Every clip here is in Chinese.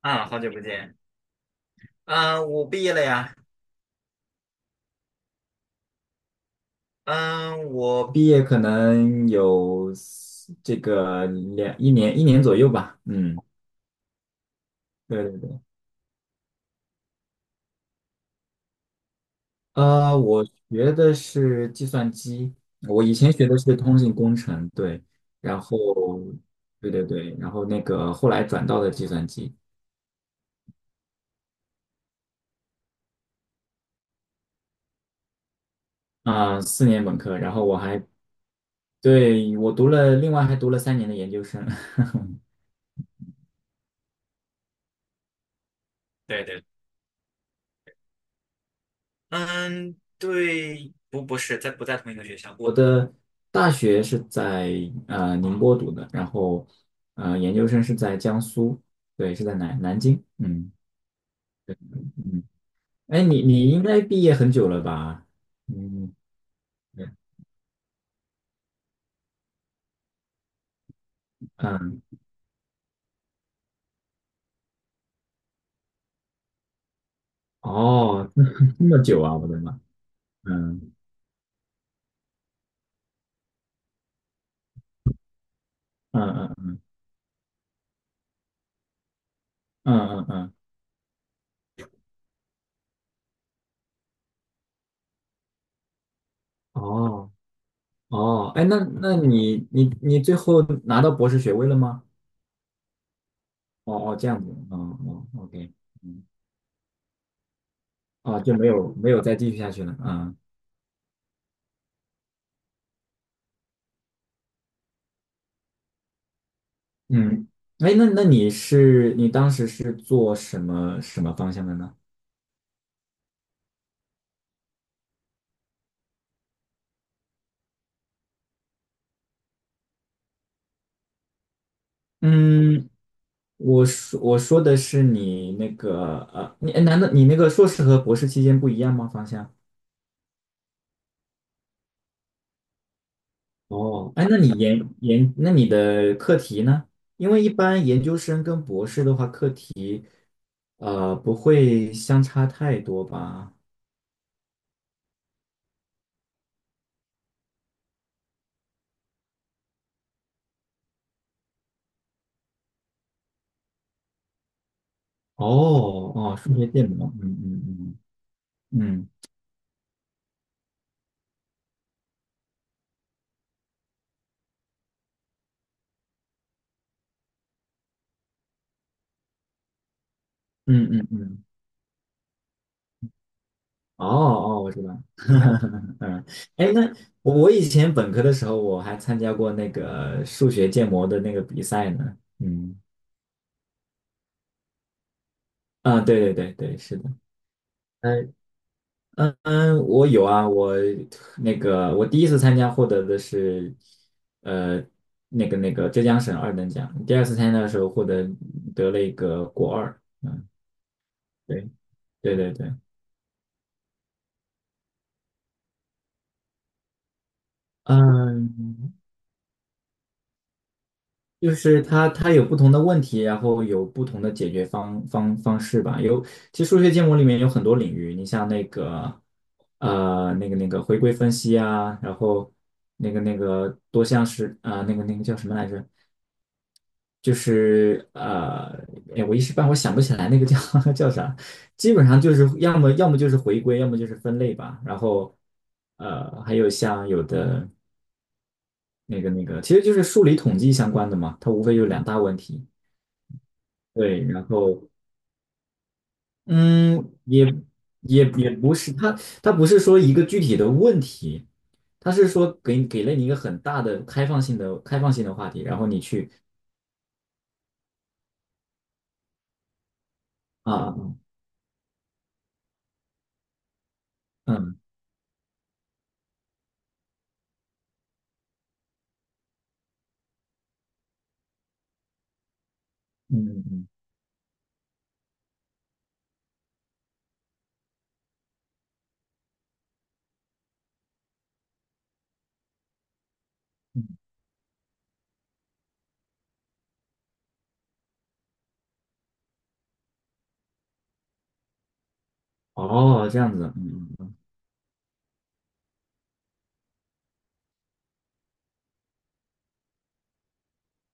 啊，好久不见。嗯，我毕业了呀。嗯，我毕业可能有这个两一年一年左右吧。嗯，对对对。我学的是计算机。我以前学的是通信工程，对。然后，对对对，然后那个后来转到了计算机。啊、4年本科。然后我还，对，我读了，另外还读了3年的研究生。对对。嗯，对，不是在不在同一个学校？我的大学是在宁波读的，然后研究生是在江苏，对，是在南京。嗯嗯。哎，你应该毕业很久了吧？嗯嗯。哦，这么久啊，我的妈！嗯嗯嗯嗯嗯嗯。哦哦，哎，那你最后拿到博士学位了吗？哦哦，这样子，哦哦，OK。嗯，啊，就没有再继续下去了啊。嗯，哎，那你当时是做什么方向的呢？嗯，我说的是你那个，难道你那个硕士和博士期间不一样吗？方向？哦，哎，那你那你的课题呢？因为一般研究生跟博士的话，课题不会相差太多吧？哦哦，数学建模。嗯嗯嗯嗯嗯嗯嗯。嗯，哦哦，我知道。嗯，哎，那我以前本科的时候，我还参加过那个数学建模的那个比赛呢。嗯，啊，对对对对，是的。嗯嗯嗯，我有啊。我那个我第一次参加获得的是，呃，那个浙江省二等奖，第二次参加的时候得了一个国二。嗯，对对对对。嗯，就是它有不同的问题，然后有不同的解决方式吧。有，其实数学建模里面有很多领域。你像那个，呃，那个回归分析啊，然后那个多项式啊、那个叫什么来着？就是呃，哎，我一时半会儿想不起来那个叫 叫啥。基本上就是要么就是回归，要么就是分类吧。然后还有像有的那个，其实就是数理统计相关的嘛，它无非就两大问题。对。然后嗯，也不是，他不是说一个具体的问题，他是说给了你一个很大的开放性的话题，然后你去。啊，嗯嗯嗯嗯。嗯，哦，这样子。嗯嗯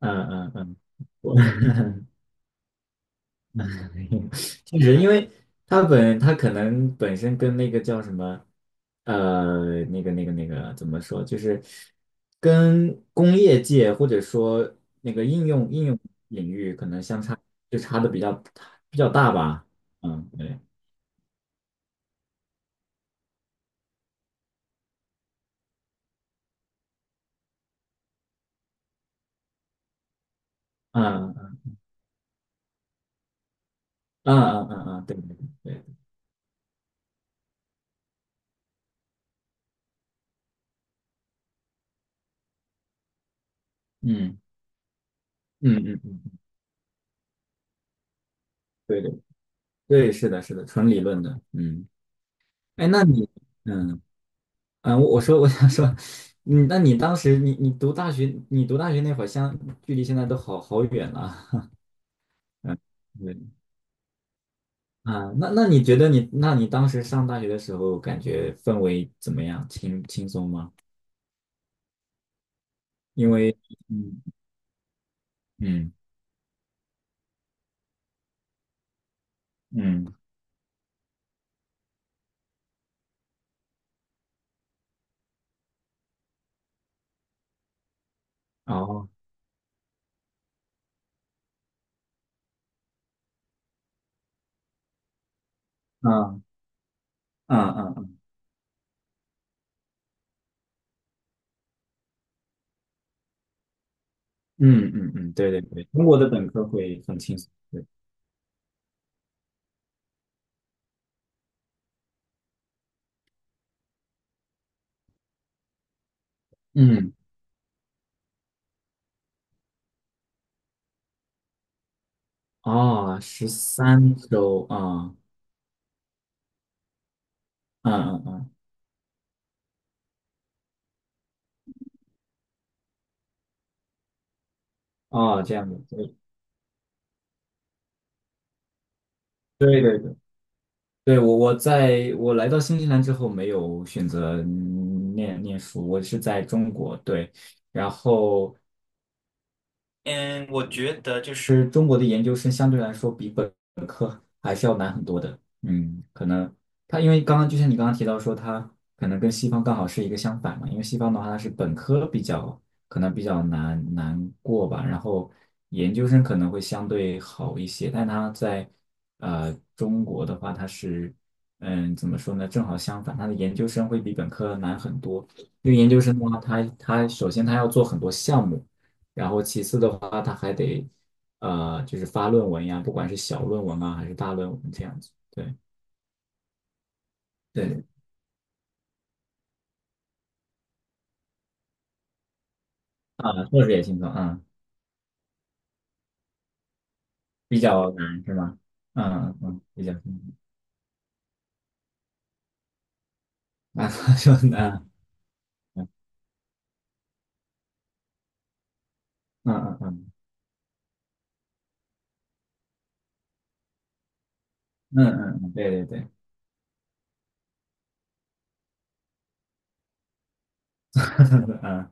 嗯嗯嗯嗯，我。 嗯。确实，因为他可能本身跟那个叫什么，呃，那个怎么说，就是跟工业界或者说那个应用领域可能就差的比较大吧。嗯，对。嗯嗯嗯嗯嗯，对对对。嗯嗯嗯嗯，对对对，是的，是的，纯理论的。嗯，哎，那你，嗯。嗯，我想说。嗯，那你当时你读大学，你读大学那会儿距离现在都好好远了。嗯，对。啊，那你觉得你，那你当时上大学的时候，感觉氛围怎么样？轻松吗？因为。嗯嗯嗯，哦。嗯嗯嗯嗯嗯嗯，对对对，中国的本科会很轻松，对。嗯，哦，13周啊。嗯嗯嗯，哦，这样子，对。对对对，我来到新西兰之后没有选择念书，我是在中国，对。然后嗯，我觉得就是中国的研究生相对来说比本科还是要难很多的。嗯，可能他因为刚刚就像你刚刚提到说，他可能跟西方刚好是一个相反嘛。因为西方的话它是本科比较可能比较难过吧，然后研究生可能会相对好一些。但他在中国的话，它是怎么说呢，正好相反，他的研究生会比本科难很多。因为研究生的话，他首先他要做很多项目。然后其次的话，他还得就是发论文呀，不管是小论文啊还是大论文这样子。对。对啊，硕士也轻松啊，比较难是吗？嗯嗯嗯，比较轻松啊，就难。嗯嗯嗯嗯嗯嗯，对对对。嗯，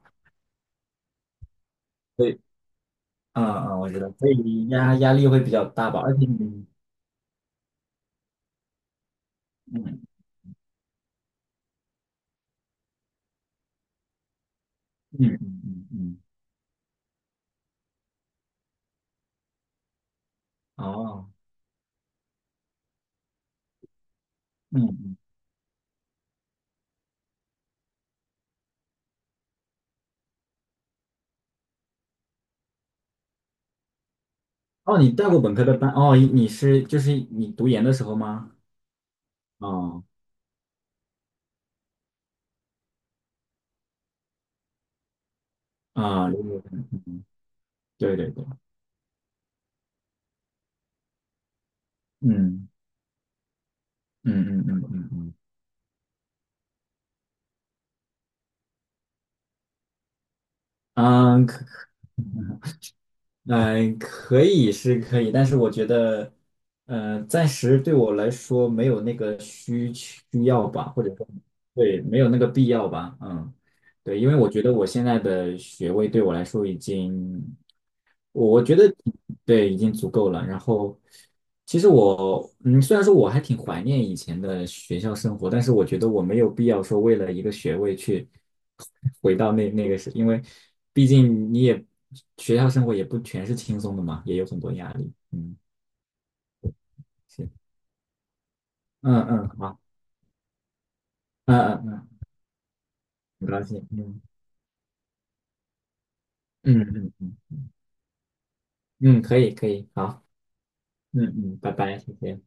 所以。嗯嗯，我知道，所以压力会比较大吧，而且你。嗯嗯嗯嗯嗯，哦。嗯嗯，哦，你带过本科的班哦，就是你读研的时候吗？哦。啊，留学生。对对对。嗯嗯嗯嗯嗯嗯。嗯，可以是可以，但是我觉得，暂时对我来说没有那个需要吧，或者说，对，没有那个必要吧。嗯，对，因为我觉得我现在的学位对我来说已经，我觉得，对，已经足够了。然后，其实我嗯，虽然说我还挺怀念以前的学校生活，但是我觉得我没有必要说为了一个学位去 回到那那个时，因为毕竟你也学校生活也不全是轻松的嘛，也有很多压力。嗯，是。嗯嗯，好。嗯嗯嗯，很高兴。嗯嗯嗯嗯嗯，可以可以，好。嗯嗯，拜拜，谢谢。